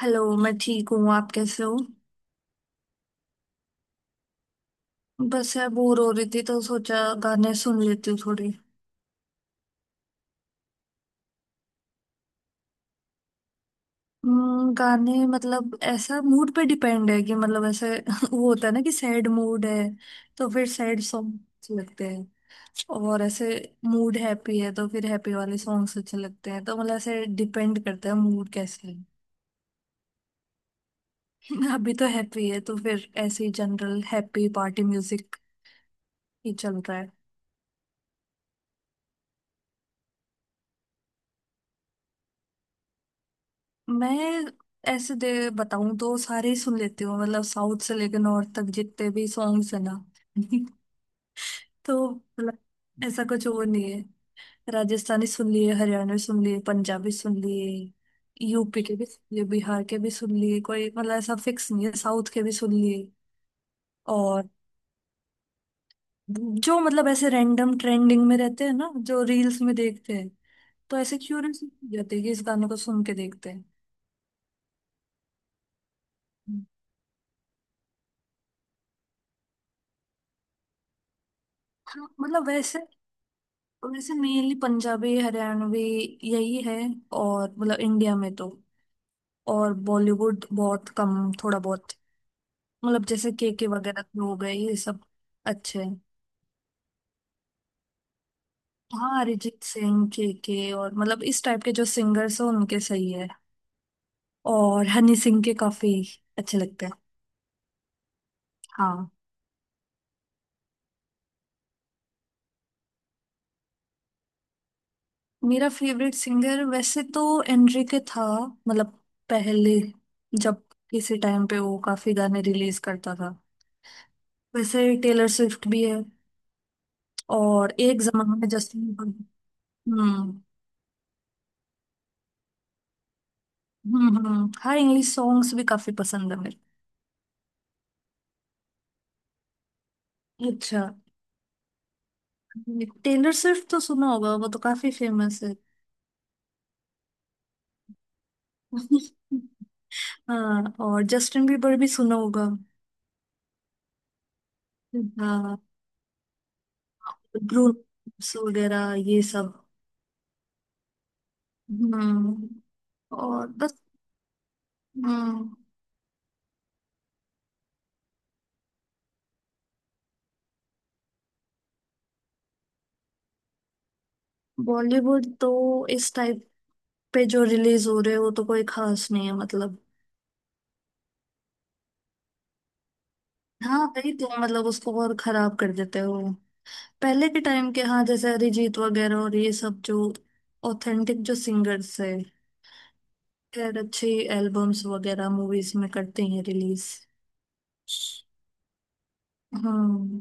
Hello. मैं ठीक हूँ। आप कैसे हो? बस यार बोर हो रही थी तो सोचा गाने सुन लेती हूँ थोड़े। गाने मतलब ऐसा मूड पे डिपेंड है कि मतलब ऐसे वो होता है ना कि सैड मूड है तो फिर सैड सॉन्ग्स लगते हैं। और ऐसे मूड हैप्पी है तो फिर हैप्पी वाले सॉन्ग्स अच्छे लगते हैं, तो मतलब ऐसे डिपेंड करता है मूड कैसे है। अभी तो हैप्पी है तो फिर ऐसे ही जनरल हैप्पी पार्टी म्यूजिक ही चल रहा है। मैं ऐसे दे बताऊं तो सारे ही सुन लेती हूँ, मतलब साउथ से लेकर नॉर्थ तक जितने भी सॉन्ग्स है ना। तो मतलब ऐसा कुछ वो नहीं है। राजस्थानी सुन लिए, हरियाणवी सुन लिए, पंजाबी सुन लिए, यूपी के भी सुन लिए, बिहार के भी सुन लिए, कोई मतलब ऐसा फिक्स नहीं है, साउथ के भी सुन लिए। और जो मतलब ऐसे रैंडम ट्रेंडिंग में रहते हैं ना, जो रील्स में देखते हैं, तो ऐसे क्यूरियस हो जाते हैं कि इस गाने को सुन के देखते हैं। हाँ, मतलब वैसे वैसे मेनली पंजाबी हरियाणवी यही है। और मतलब इंडिया में तो, और बॉलीवुड बहुत कम, थोड़ा बहुत, मतलब जैसे के वगैरह के हो गए ये सब अच्छे हैं। हाँ, अरिजीत सिंह, के और मतलब इस टाइप के जो सिंगर्स हैं उनके सही है। और हनी सिंह के काफी अच्छे लगते हैं। हाँ। मेरा फेवरेट सिंगर वैसे तो एनरिके था, मतलब पहले, जब किसी टाइम पे वो काफी गाने रिलीज करता था। वैसे टेलर स्विफ्ट भी है। और एक जमाना में जस्टिन बीबर। हम्म, हम्म, हम्म। हाँ, इंग्लिश सॉन्ग्स भी काफी पसंद है मेरे। अच्छा। टेलर स्विफ्ट तो सुना होगा, वो तो काफी फेमस है। हाँ, और जस्टिन बीबर भी सुना होगा। हाँ। ब्रूस वगैरह ये सब। हम्म। और बस। हम्म। बॉलीवुड तो इस टाइप पे जो रिलीज हो रहे हो तो कोई खास नहीं है मतलब। हाँ, वही तो मतलब उसको और खराब कर देते हो। पहले के टाइम के, हाँ, जैसे अरिजीत वगैरह और ये सब जो ऑथेंटिक जो सिंगर्स है, खैर अच्छी एल्बम्स वगैरह मूवीज में करते हैं रिलीज। हम्म,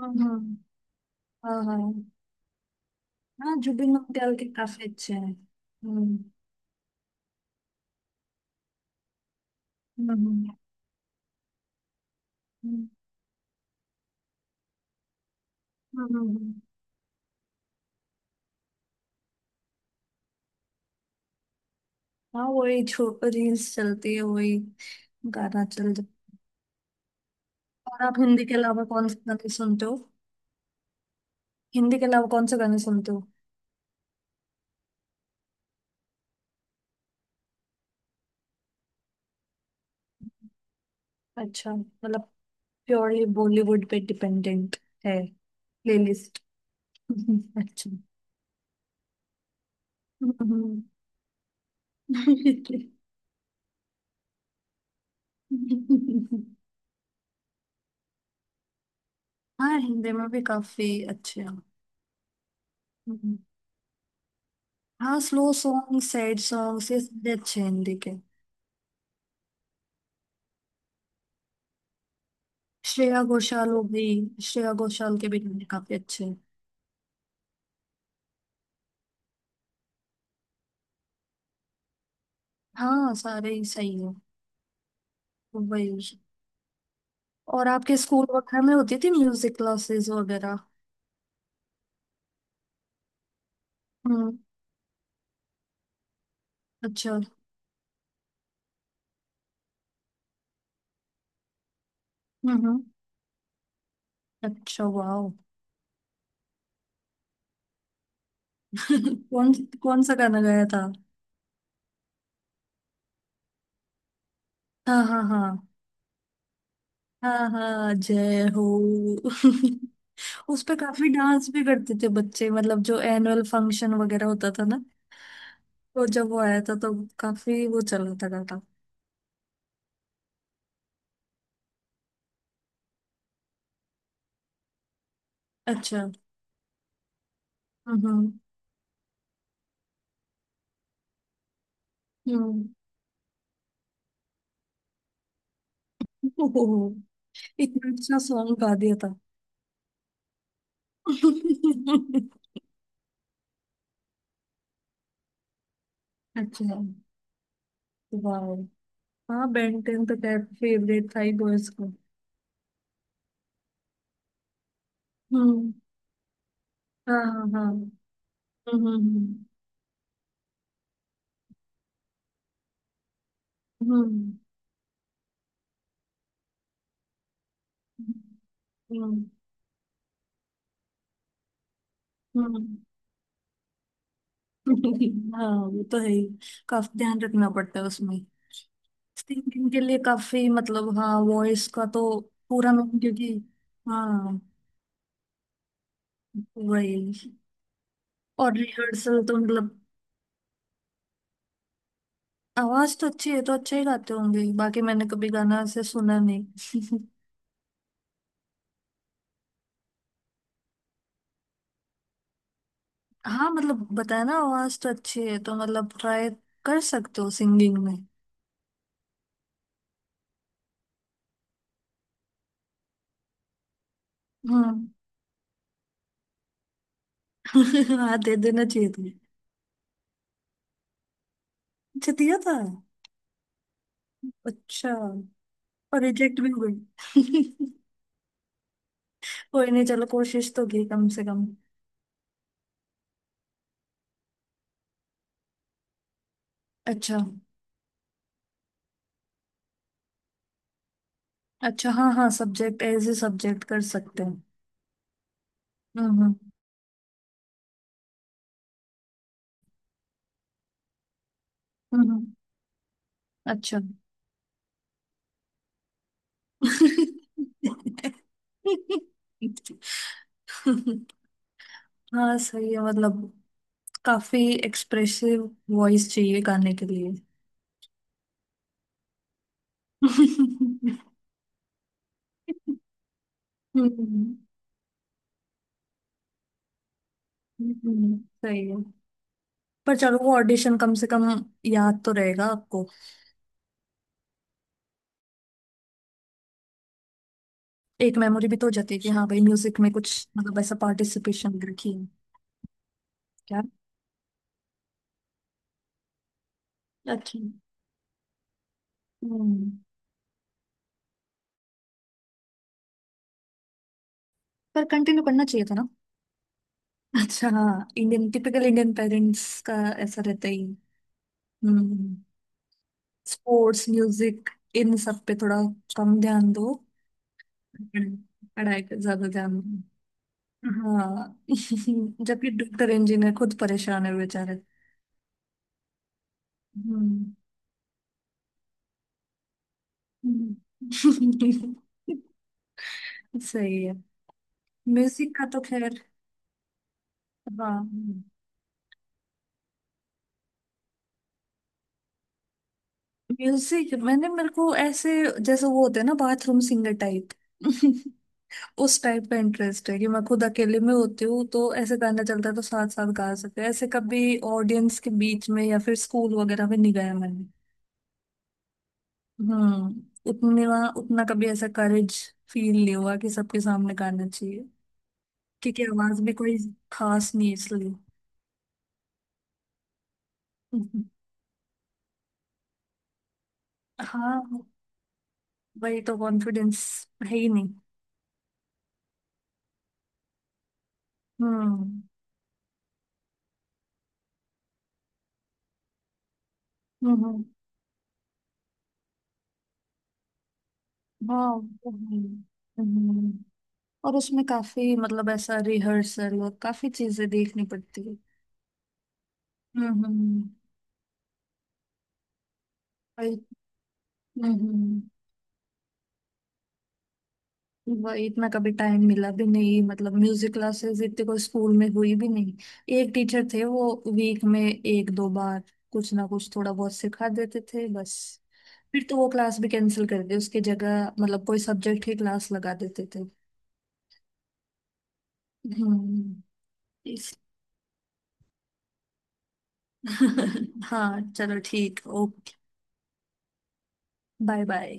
हम्म। हाँ हाँ हाँ। जुबिन नौटियाल के काफी अच्छे हैं। हम्म, हम्म, हम्म, हम्म, हम्म, हम्म। हाँ वही छो, रील्स चलती है, वही गाना चल जाता। और आप हिंदी के अलावा कौन से गाने सुनते हो? हिंदी के अलावा कौन से गाने सुनते हो? अच्छा मतलब प्योरली बॉलीवुड पे डिपेंडेंट है प्लेलिस्ट। अच्छा। हम्म। हाँ, हिंदी में भी काफी अच्छे हैं। हम्म। हाँ, स्लो सॉन्ग, सैड सॉन्ग, ये सारे अच्छे हैं हिंदी के। श्रेया घोषाल हो गई, श्रेया घोषाल के भी गाने काफी अच्छे हैं। हाँ, सारे ही सही है, वही। और आपके स्कूल वगैरह में होती थी म्यूजिक क्लासेस वगैरह? हम्म। अच्छा। हम्म, अच्छा, वाह। कौन कौन सा गाना गाया था? हाँ हाँ हाँ। हाँ, हाँ जय हो। उस पे काफी डांस भी करते थे बच्चे, मतलब जो एनुअल फंक्शन वगैरह होता था ना, तो जब वो आया था तो काफी वो चल रहा था गाना। अच्छा। हम्म, हम्म। ओहो, इतना अच्छा सॉन्ग गा दिया था। अच्छा, वाह। हाँ, बेन टेन तो खैर फेवरेट था ही बॉयज को। हम्म। हाँ हाँ हाँ। हम्म, हम्म, हम्म, हम्म, हम्म, हम्म। हाँ वो तो है ही, काफी ध्यान रखना पड़ता है उसमें। सिंगिंग के लिए काफी मतलब हाँ, वॉइस का तो पूरा मैं क्योंकि, हाँ, वही। और रिहर्सल तो मतलब, आवाज तो अच्छी है तो अच्छा ही गाते होंगे, बाकी मैंने कभी गाना ऐसे सुना नहीं। हाँ, मतलब बताया ना, आवाज तो अच्छी है तो मतलब ट्राई कर सकते हो सिंगिंग में। हम्म। हाँ, दे देना चाहिए तुम्हें। अच्छा, दिया था। अच्छा। और रिजेक्ट भी हो गई? कोई नहीं, चलो कोशिश तो की कम से कम। अच्छा। अच्छा, हाँ हाँ, सब्जेक्ट एज ए सब्जेक्ट कर सकते हैं। हम्म, हम्म, हम्म, हम्म, अच्छा। हाँ सही है, मतलब काफी एक्सप्रेसिव वॉइस चाहिए गाने के लिए। हम्म, हम्म, सही है। पर चलो वो ऑडिशन कम से कम याद तो रहेगा आपको। एक मेमोरी भी तो हो जाती है कि हाँ भाई म्यूजिक में कुछ मतलब ऐसा पार्टिसिपेशन रखी है। क्या? अच्छा। हम्म, पर कंटिन्यू करना चाहिए था ना। अच्छा हाँ, इंडियन, टिपिकल इंडियन पेरेंट्स का ऐसा रहता ही। हम्म। स्पोर्ट्स, म्यूजिक, इन सब पे थोड़ा कम ध्यान दो। पढ़- पढ़ाई पे ज्यादा ध्यान दो। हाँ। जबकि डॉक्टर इंजीनियर खुद परेशान है बेचारे। हम्म। हम्म। सही है। म्यूजिक का तो खैर, हाँ। म्यूजिक, मैंने मेरे को ऐसे, जैसे वो होते हैं ना, बाथरूम सिंगर टाइप। उस टाइप का इंटरेस्ट है कि मैं खुद अकेले में होती हूँ तो ऐसे गाना चलता है तो साथ साथ गा सकते हैं। ऐसे कभी ऑडियंस के बीच में या फिर स्कूल वगैरह में नहीं गाया मैंने। उतने वहाँ उतना कभी ऐसा करेज फील नहीं हुआ कि सबके सामने गाना चाहिए, क्योंकि आवाज भी कोई खास नहीं है इसलिए। हम्म, हाँ वही तो, कॉन्फिडेंस है ही नहीं। हम्म, हम्म। हाँ वो है। हम्म। और उसमें काफी मतलब ऐसा रिहर्सल और काफी चीजें देखनी पड़ती है। हम्म, वही। हम्म, वही इतना कभी टाइम मिला भी नहीं, मतलब म्यूजिक क्लासेस इतने कोई स्कूल में हुई भी नहीं। एक टीचर थे, वो वीक में एक दो बार कुछ ना कुछ थोड़ा बहुत सिखा देते थे बस। फिर तो वो क्लास भी कैंसिल कर दी, उसकी जगह मतलब कोई सब्जेक्ट ही क्लास लगा देते थे। हम्म। इस, हाँ चलो ठीक, ओके। Bye bye.